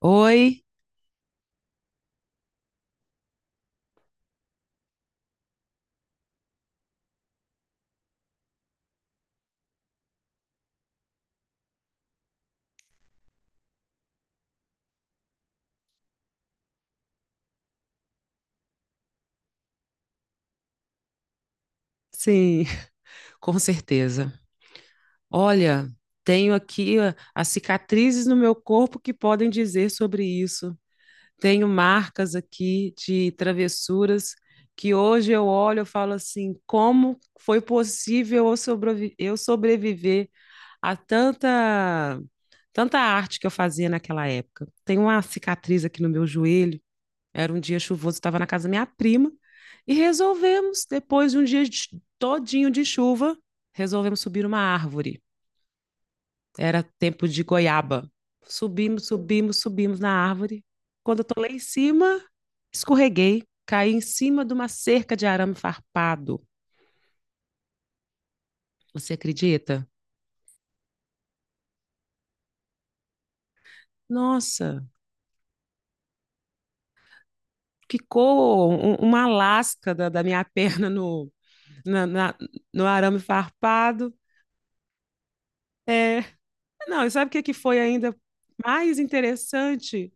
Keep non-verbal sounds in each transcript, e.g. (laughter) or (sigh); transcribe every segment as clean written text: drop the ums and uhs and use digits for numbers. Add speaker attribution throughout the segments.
Speaker 1: Oi, sim, (laughs) com certeza. Olha, tenho aqui ó, as cicatrizes no meu corpo que podem dizer sobre isso. Tenho marcas aqui de travessuras que hoje eu olho e falo assim, como foi possível eu sobreviver a tanta arte que eu fazia naquela época? Tenho uma cicatriz aqui no meu joelho. Era um dia chuvoso, estava na casa da minha prima e resolvemos, depois de um dia de- todinho de chuva, resolvemos subir uma árvore. Era tempo de goiaba. Subimos, subimos, subimos na árvore. Quando eu tô lá em cima, escorreguei, caí em cima de uma cerca de arame farpado. Você acredita? Nossa, ficou uma lasca da minha (laughs) perna na- na- no arame farpado. É. Não, e sabe o que que foi ainda mais interessante?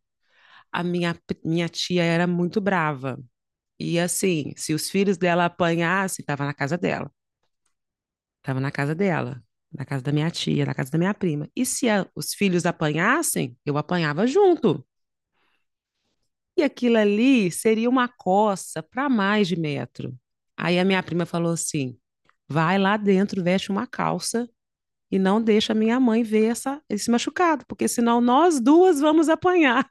Speaker 1: A minha, minha tia era muito brava. E assim, se os filhos dela apanhassem, estava na casa dela. Estava na casa dela, na casa da minha tia, na casa da minha prima. E se os filhos apanhassem, eu apanhava junto. E aquilo ali seria uma coça para mais de metro. Aí a minha prima falou assim: vai lá dentro, veste uma calça e não deixa minha mãe ver esse machucado, porque senão nós duas vamos apanhar.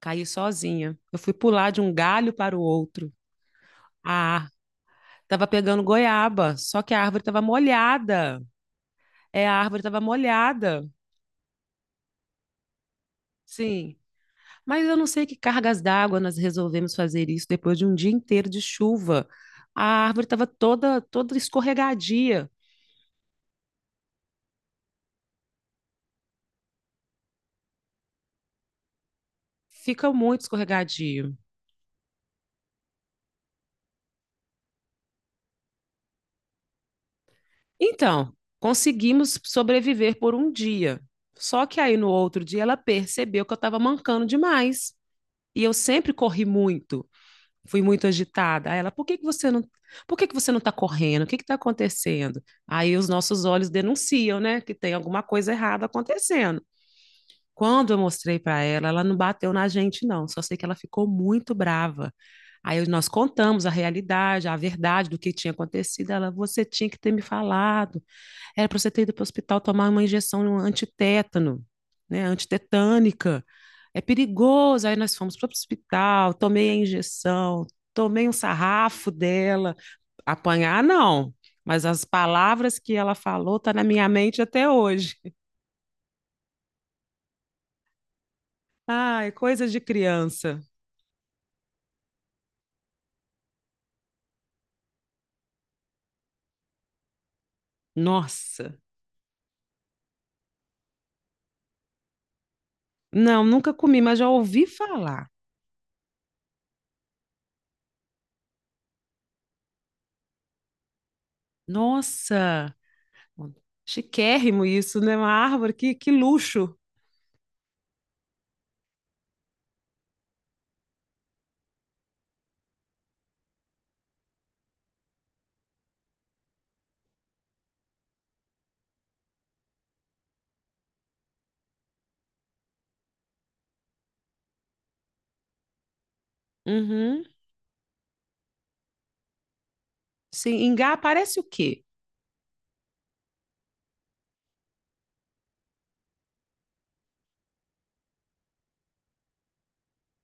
Speaker 1: Caí sozinha. Eu fui pular de um galho para o outro. Ah, tava pegando goiaba, só que a árvore estava molhada. É, a árvore estava molhada. Sim. Mas eu não sei que cargas d'água nós resolvemos fazer isso depois de um dia inteiro de chuva. A árvore estava toda escorregadia. Fica muito escorregadio. Então, conseguimos sobreviver por um dia. Só que aí no outro dia ela percebeu que eu estava mancando demais. E eu sempre corri muito. Fui muito agitada. Aí ela, por que que você não, por que que você não está correndo? O que que está acontecendo? Aí os nossos olhos denunciam, né, que tem alguma coisa errada acontecendo. Quando eu mostrei para ela, ela não bateu na gente, não. Só sei que ela ficou muito brava. Aí nós contamos a realidade, a verdade do que tinha acontecido. Ela, você tinha que ter me falado. Era para você ter ido para o hospital tomar uma injeção antitétano, né? Antitetânica. É perigoso. Aí nós fomos para o hospital, tomei a injeção, tomei um sarrafo dela. Apanhar, não. Mas as palavras que ela falou estão tá na minha mente até hoje. Ai, coisas de criança. Nossa. Não, nunca comi, mas já ouvi falar. Nossa. Chiquérrimo isso, né? Uma árvore, que luxo. Uhum. Sim, Engá parece o quê?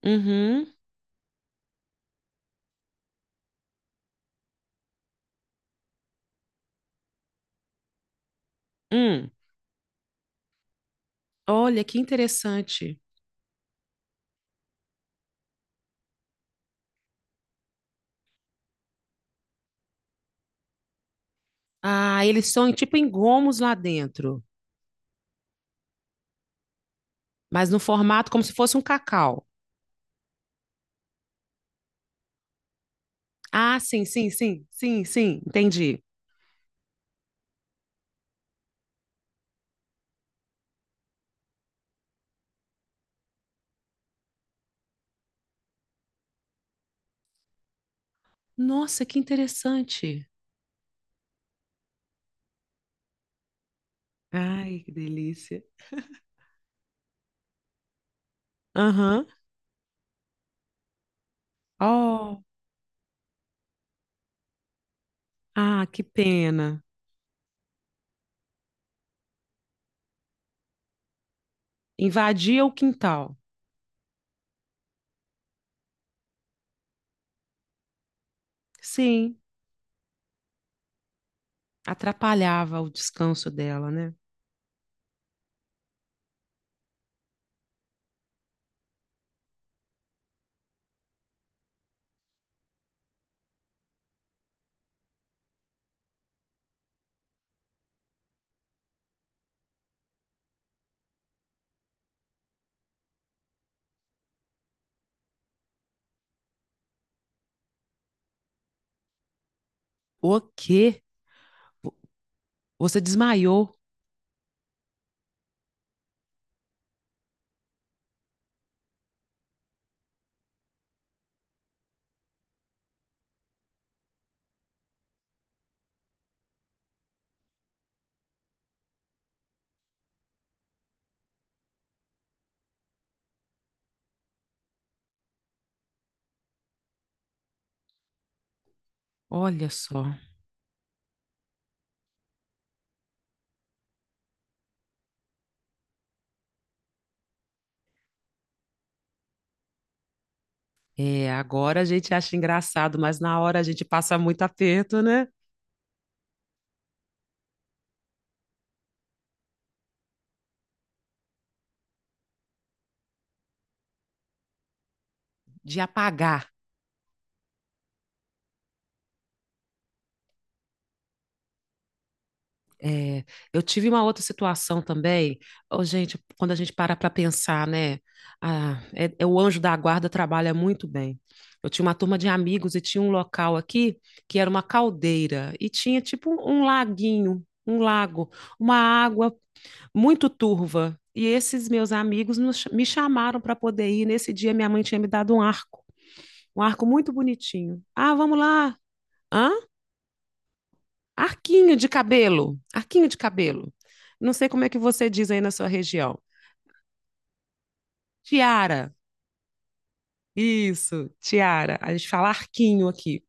Speaker 1: Uhum. Hum. Olha, que interessante. Ah, eles são tipo engomos lá dentro, mas no formato como se fosse um cacau. Ah, sim, sim, sim, sim, sim, entendi. Nossa, que interessante. Ai, que delícia. Aham. Oh, ah, que pena. Invadia o quintal. Sim. Atrapalhava o descanso dela, né? O quê? Você desmaiou? Olha só. É, agora a gente acha engraçado, mas na hora a gente passa muito aperto, né? De apagar. É, eu tive uma outra situação também. Ô, gente, quando a gente para pensar, né? Ah, é, o anjo da guarda trabalha muito bem. Eu tinha uma turma de amigos e tinha um local aqui que era uma caldeira e tinha tipo um laguinho, um lago, uma água muito turva. E esses meus amigos me chamaram para poder ir. Nesse dia, minha mãe tinha me dado um arco muito bonitinho. Ah, vamos lá. Hã? Arquinho de cabelo. Arquinho de cabelo. Não sei como é que você diz aí na sua região. Tiara. Isso, tiara. A gente fala arquinho aqui.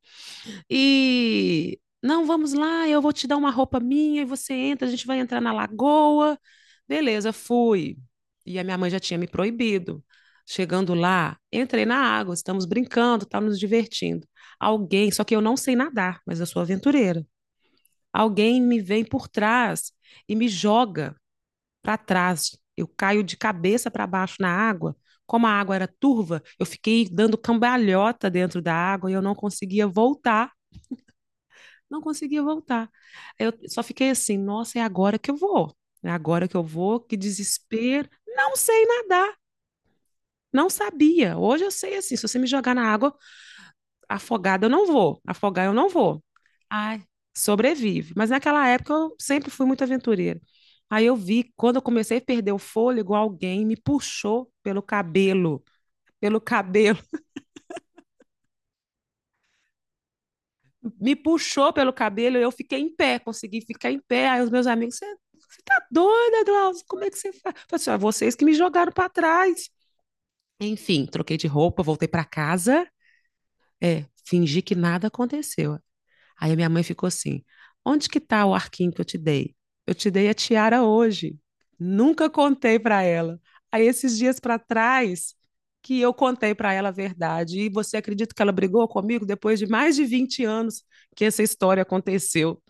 Speaker 1: E não, vamos lá, eu vou te dar uma roupa minha e você entra, a gente vai entrar na lagoa. Beleza, fui. E a minha mãe já tinha me proibido. Chegando lá, entrei na água, estamos brincando, estamos nos divertindo. Alguém, só que eu não sei nadar, mas eu sou aventureira. Alguém me vem por trás e me joga para trás. Eu caio de cabeça para baixo na água. Como a água era turva, eu fiquei dando cambalhota dentro da água e eu não conseguia voltar. Eu só fiquei assim, nossa, é agora que eu vou. É agora que eu vou, que desespero. Não sei nadar, não sabia. Hoje eu sei assim, se você me jogar na água afogada, eu não vou. Afogar eu não vou. Ai, sobrevive. Mas naquela época eu sempre fui muito aventureira. Aí eu vi, quando eu comecei a perder o fôlego, alguém me puxou pelo cabelo, pelo cabelo. Me puxou pelo cabelo, eu fiquei em pé, consegui ficar em pé. Aí os meus amigos, você tá doida, Glaucio? Como é que você faz? Eu falei assim, ah, vocês que me jogaram para trás. Enfim, troquei de roupa, voltei para casa, é, fingi que nada aconteceu. Aí a minha mãe ficou assim: onde que tá o arquinho que eu te dei? Eu te dei a tiara hoje. Nunca contei para ela. Aí esses dias para trás que eu contei para ela a verdade. E você acredita que ela brigou comigo depois de mais de 20 anos que essa história aconteceu?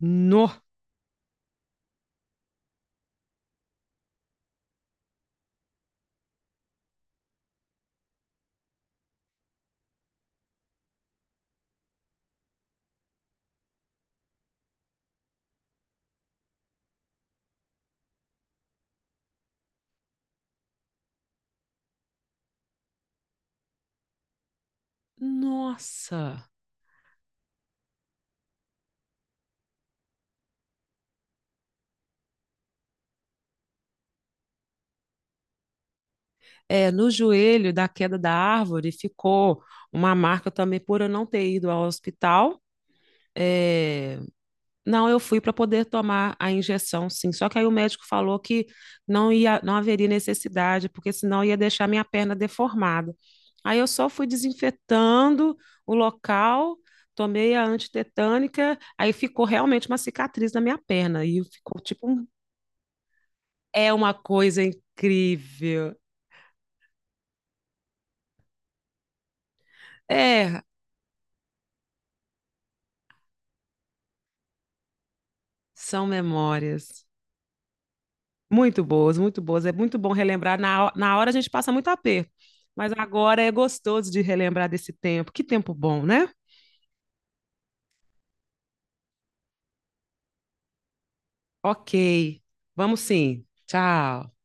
Speaker 1: No. Nossa! É, no joelho da queda da árvore ficou uma marca também por eu não ter ido ao hospital. É. Não, eu fui para poder tomar a injeção, sim. Só que aí o médico falou que não ia, não haveria necessidade, porque senão ia deixar minha perna deformada. Aí eu só fui desinfetando o local, tomei a antitetânica, aí ficou realmente uma cicatriz na minha perna e ficou é uma coisa incrível. É, são memórias. Muito boas, muito boas. É muito bom relembrar. Na hora a gente passa muito aperto, mas agora é gostoso de relembrar desse tempo. Que tempo bom, né? Ok, vamos sim. Tchau.